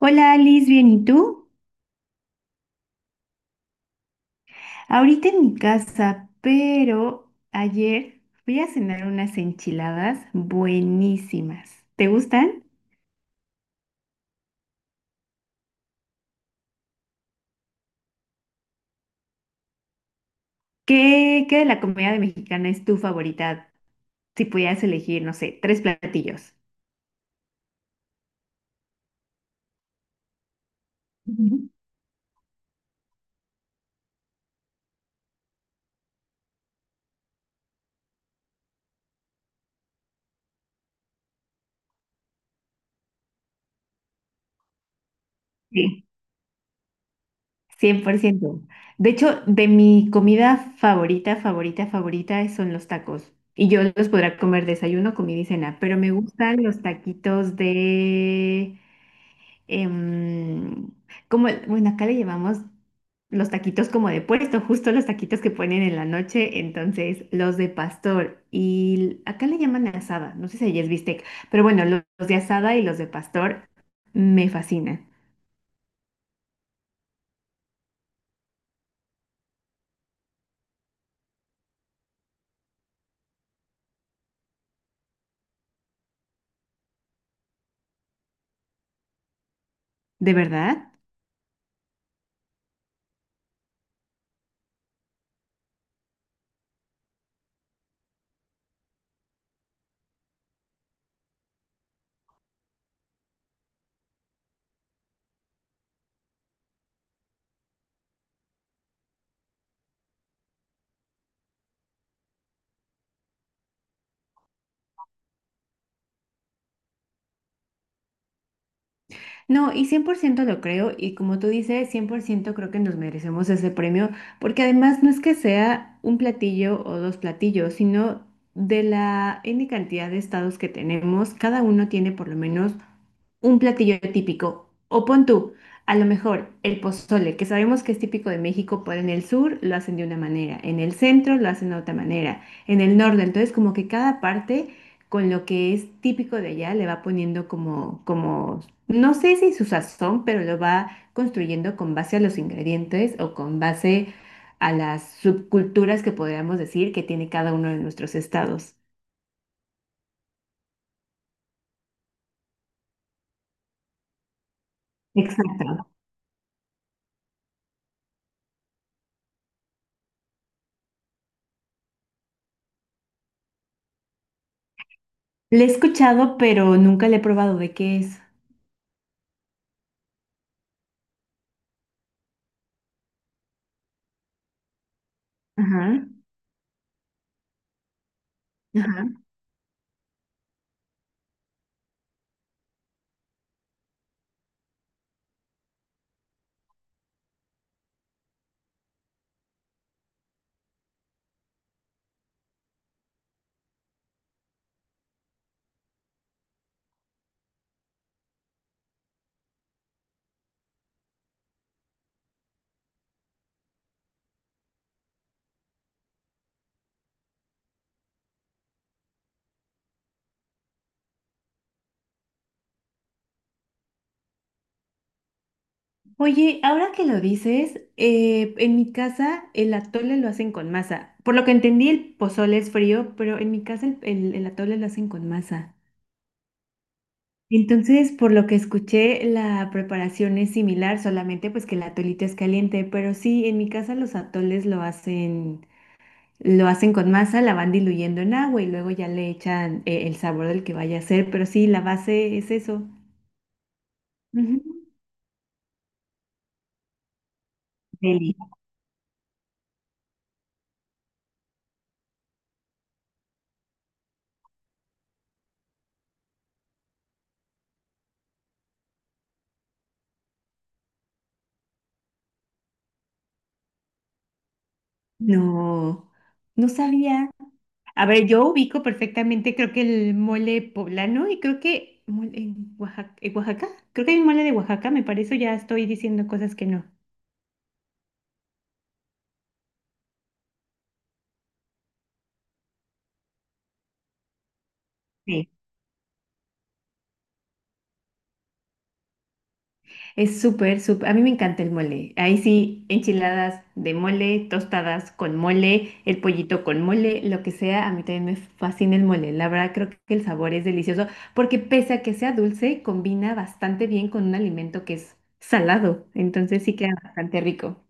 Hola Alice, ¿bien y tú? Ahorita en mi casa, pero ayer fui a cenar unas enchiladas buenísimas. ¿Te gustan? ¿Qué de la comida mexicana es tu favorita? Si pudieras elegir, no sé, tres platillos. Ujú. Sí, 100%. De hecho, de mi comida favorita, favorita, favorita son los tacos. Y yo los podrá comer desayuno, comida y cena, pero me gustan los taquitos de em, como, bueno, acá le llamamos los taquitos como de puesto, justo los taquitos que ponen en la noche, entonces los de pastor. Y acá le llaman asada, no sé si allí es bistec, pero bueno, los, de asada y los de pastor me fascinan. ¿De verdad? No, y 100% lo creo, y como tú dices, 100% creo que nos merecemos ese premio, porque además no es que sea un platillo o dos platillos, sino de la N cantidad de estados que tenemos, cada uno tiene por lo menos un platillo típico. O pon tú, a lo mejor el pozole, que sabemos que es típico de México, pero en el sur lo hacen de una manera, en el centro lo hacen de otra manera, en el norte. Entonces, como que cada parte con lo que es típico de allá le va poniendo como, no sé si su sazón, pero lo va construyendo con base a los ingredientes o con base a las subculturas que podríamos decir que tiene cada uno de nuestros estados. Exacto. Le he escuchado, pero nunca le he probado de qué es. Ajá, ajá. Oye, ahora que lo dices, en mi casa el atole lo hacen con masa. Por lo que entendí, el pozole es frío, pero en mi casa el atole lo hacen con masa. Entonces, por lo que escuché, la preparación es similar, solamente pues que el atolito es caliente, pero sí, en mi casa los atoles lo hacen con masa, la van diluyendo en agua y luego ya le echan el sabor del que vaya a ser, pero sí, la base es eso. Ujú. Deli. No. No sabía. A ver, yo ubico perfectamente, creo que el mole poblano y creo que mole en Oaxaca, creo que hay un mole de Oaxaca, me parece, ya estoy diciendo cosas que no. Sí. Es súper, súper, a mí me encanta el mole. Ahí sí, enchiladas de mole, tostadas con mole, el pollito con mole, lo que sea, a mí también me fascina el mole. La verdad, creo que el sabor es delicioso, porque pese a que sea dulce, combina bastante bien con un alimento que es salado, entonces sí queda bastante rico.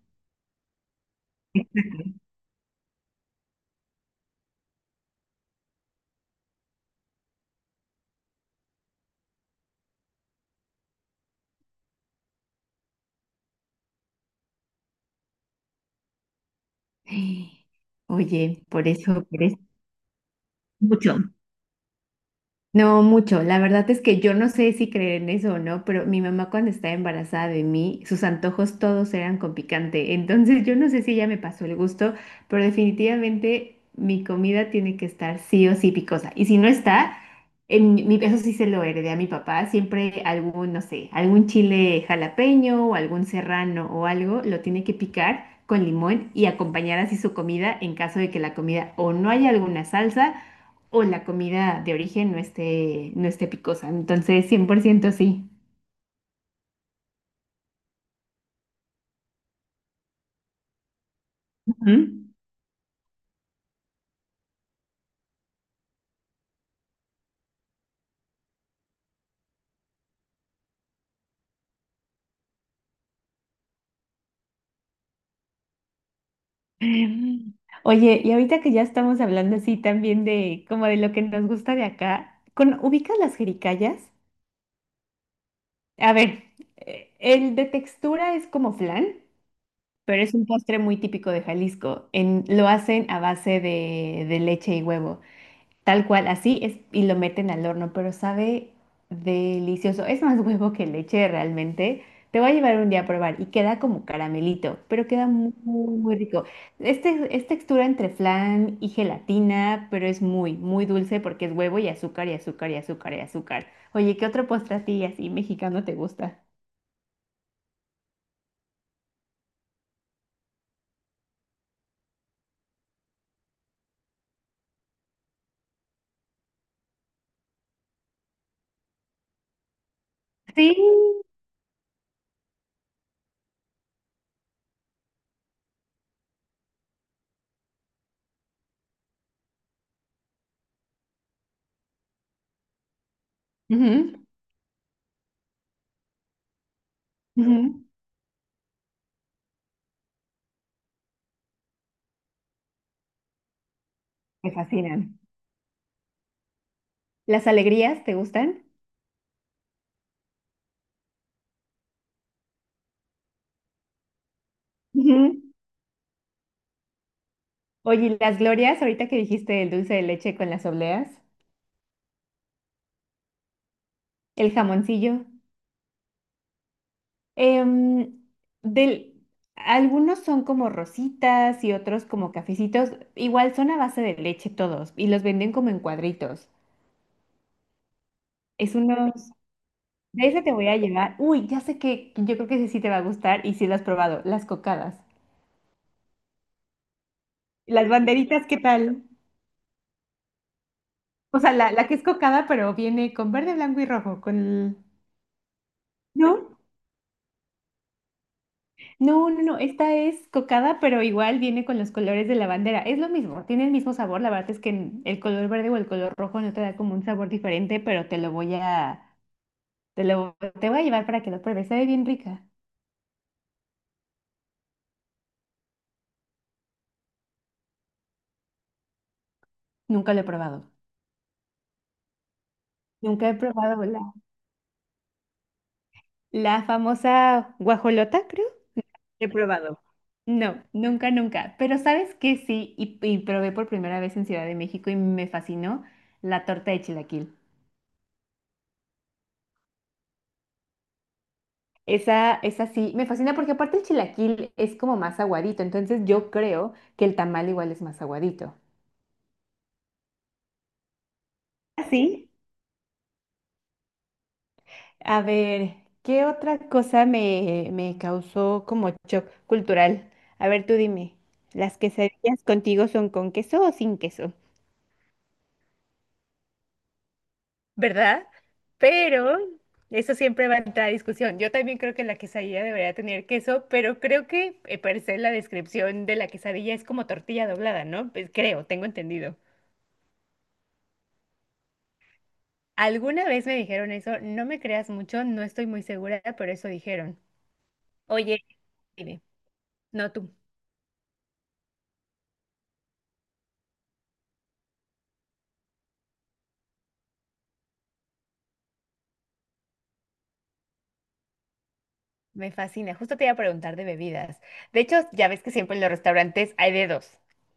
Oye, por eso, mucho. No mucho, la verdad es que yo no sé si creer en eso o no, pero mi mamá cuando estaba embarazada de mí, sus antojos todos eran con picante, entonces yo no sé si ella me pasó el gusto, pero definitivamente mi comida tiene que estar sí o sí picosa, y si no está, en mi, eso sí se lo heredé a mi papá, siempre algún, no sé, algún chile jalapeño o algún serrano o algo, lo tiene que picar con limón y acompañar así su comida en caso de que la comida o no haya alguna salsa o la comida de origen no esté picosa. Entonces, 100% sí. Ujú. Oye, y ahorita que ya estamos hablando así también de como de lo que nos gusta de acá, ¿Ubicas las jericayas? A ver, el de textura es como flan, pero es un postre muy típico de Jalisco. Lo hacen a base de leche y huevo. Tal cual, así es, y lo meten al horno, pero sabe delicioso. Es más huevo que leche realmente. Te voy a llevar un día a probar y queda como caramelito, pero queda muy, muy rico. Este es textura entre flan y gelatina, pero es muy, muy dulce porque es huevo y azúcar y azúcar y azúcar y azúcar. Oye, ¿qué otro postre a ti así mexicano te gusta? Sí. Ujú, ujú. Me fascinan. ¿Las alegrías te gustan? Ujú. Oye, ¿y las glorias, ahorita que dijiste el dulce de leche con las obleas, el jamoncillo, em, del, algunos son como rositas y otros como cafecitos, igual son a base de leche todos y los venden como en cuadritos? Es unos, de ese te voy a llevar. Uy, ya sé que yo creo que ese sí te va a gustar y sí lo has probado, las cocadas. Las banderitas, ¿qué tal? O sea, la que es cocada, pero viene con verde, blanco y rojo. ¿No? No, no, no, esta es cocada, pero igual viene con los colores de la bandera. Es lo mismo, tiene el mismo sabor. La verdad es que el color verde o el color rojo no te da como un sabor diferente, pero te lo voy a, te lo, te voy a llevar para que lo pruebes. Sabe bien rica. Nunca lo he probado. Nunca he probado la famosa guajolota, creo. He probado. No, nunca, nunca. Pero sabes que sí, y probé por primera vez en Ciudad de México y me fascinó la torta de chilaquil. Esa sí, me fascina porque aparte el chilaquil es como más aguadito, entonces yo creo que el tamal igual es más aguadito. ¿Así? A ver, ¿qué otra cosa me causó como shock cultural? A ver, tú dime, ¿las quesadillas contigo son con queso o sin queso? ¿Verdad? Pero eso siempre va a entrar a discusión. Yo también creo que la quesadilla debería tener queso, pero creo que parece la descripción de la quesadilla es como tortilla doblada, ¿no? Pues creo, tengo entendido. Alguna vez me dijeron eso, no me creas mucho, no estoy muy segura, pero eso dijeron. Oye, dime, no tú, me fascina. Justo te iba a preguntar de bebidas. De hecho, ya ves que siempre en los restaurantes hay de dos,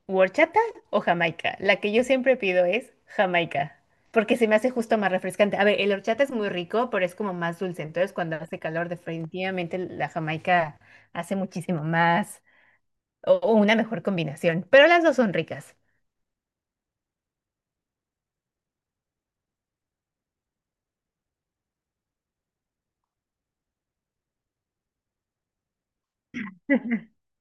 o horchata o jamaica. La que yo siempre pido es jamaica, porque se me hace justo más refrescante. A ver, el horchata es muy rico, pero es como más dulce. Entonces, cuando hace calor, definitivamente la jamaica hace muchísimo más o una mejor combinación, pero las dos son ricas.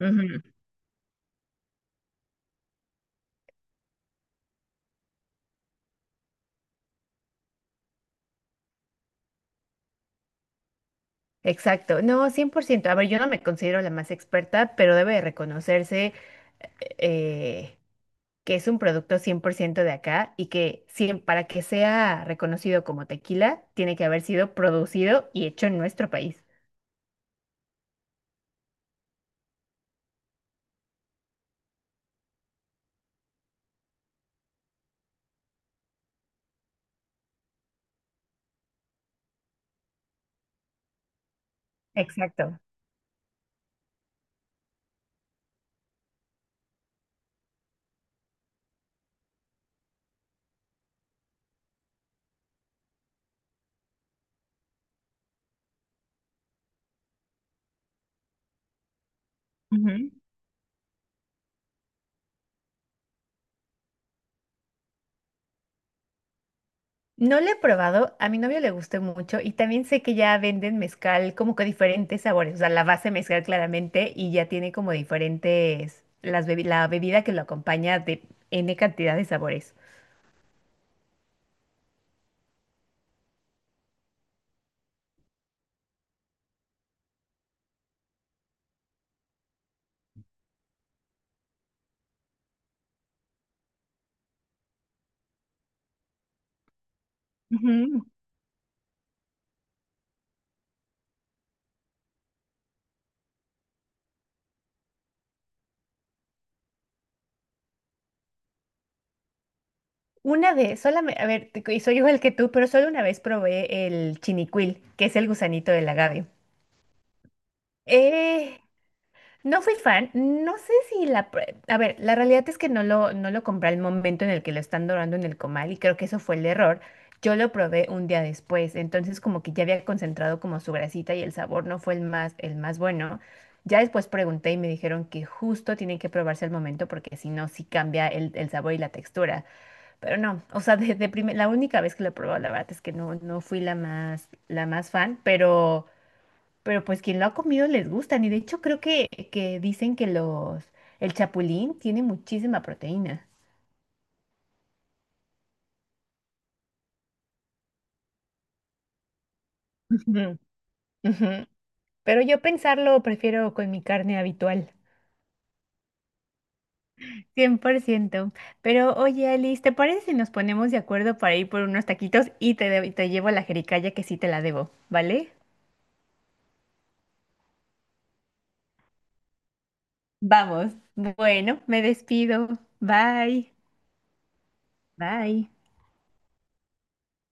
Ujú. Exacto, no, 100%. A ver, yo no me considero la más experta, pero debe de reconocerse eh, que es un producto 100% de acá y que 100 para que sea reconocido como tequila, tiene que haber sido producido y hecho en nuestro país. Exacto. Ujú. No lo he probado, a mi novio le gustó mucho y también sé que ya venden mezcal como que diferentes sabores, o sea, la base mezcal claramente y ya tiene como diferentes, la bebida que lo acompaña de N cantidad de sabores. Una vez, solamente, a ver, y soy igual que tú, pero solo una vez probé el chinicuil, que es el gusanito del agave. Eh, no fui fan, no sé si la... pr- a ver, la realidad es que no lo compré al momento en el que lo están dorando en el comal y creo que eso fue el error. Yo lo probé un día después, entonces como que ya había concentrado como su grasita y el sabor no fue el más bueno. Ya después pregunté y me dijeron que justo tienen que probarse al momento porque si no, sí cambia el sabor y la textura. Pero no, o sea, desde la única vez que lo he probado, la verdad es que no fui la más fan, pero pues quien lo ha comido les gustan. Y de hecho creo que dicen que el chapulín tiene muchísima proteína. Ujú, ujú. Pero yo pensarlo prefiero con mi carne habitual. 100%. Pero oye, Alice, ¿te parece si nos ponemos de acuerdo para ir por unos taquitos y te llevo la jericaya que sí te la debo, vale? Vamos. Bueno, me despido. Bye. Bye.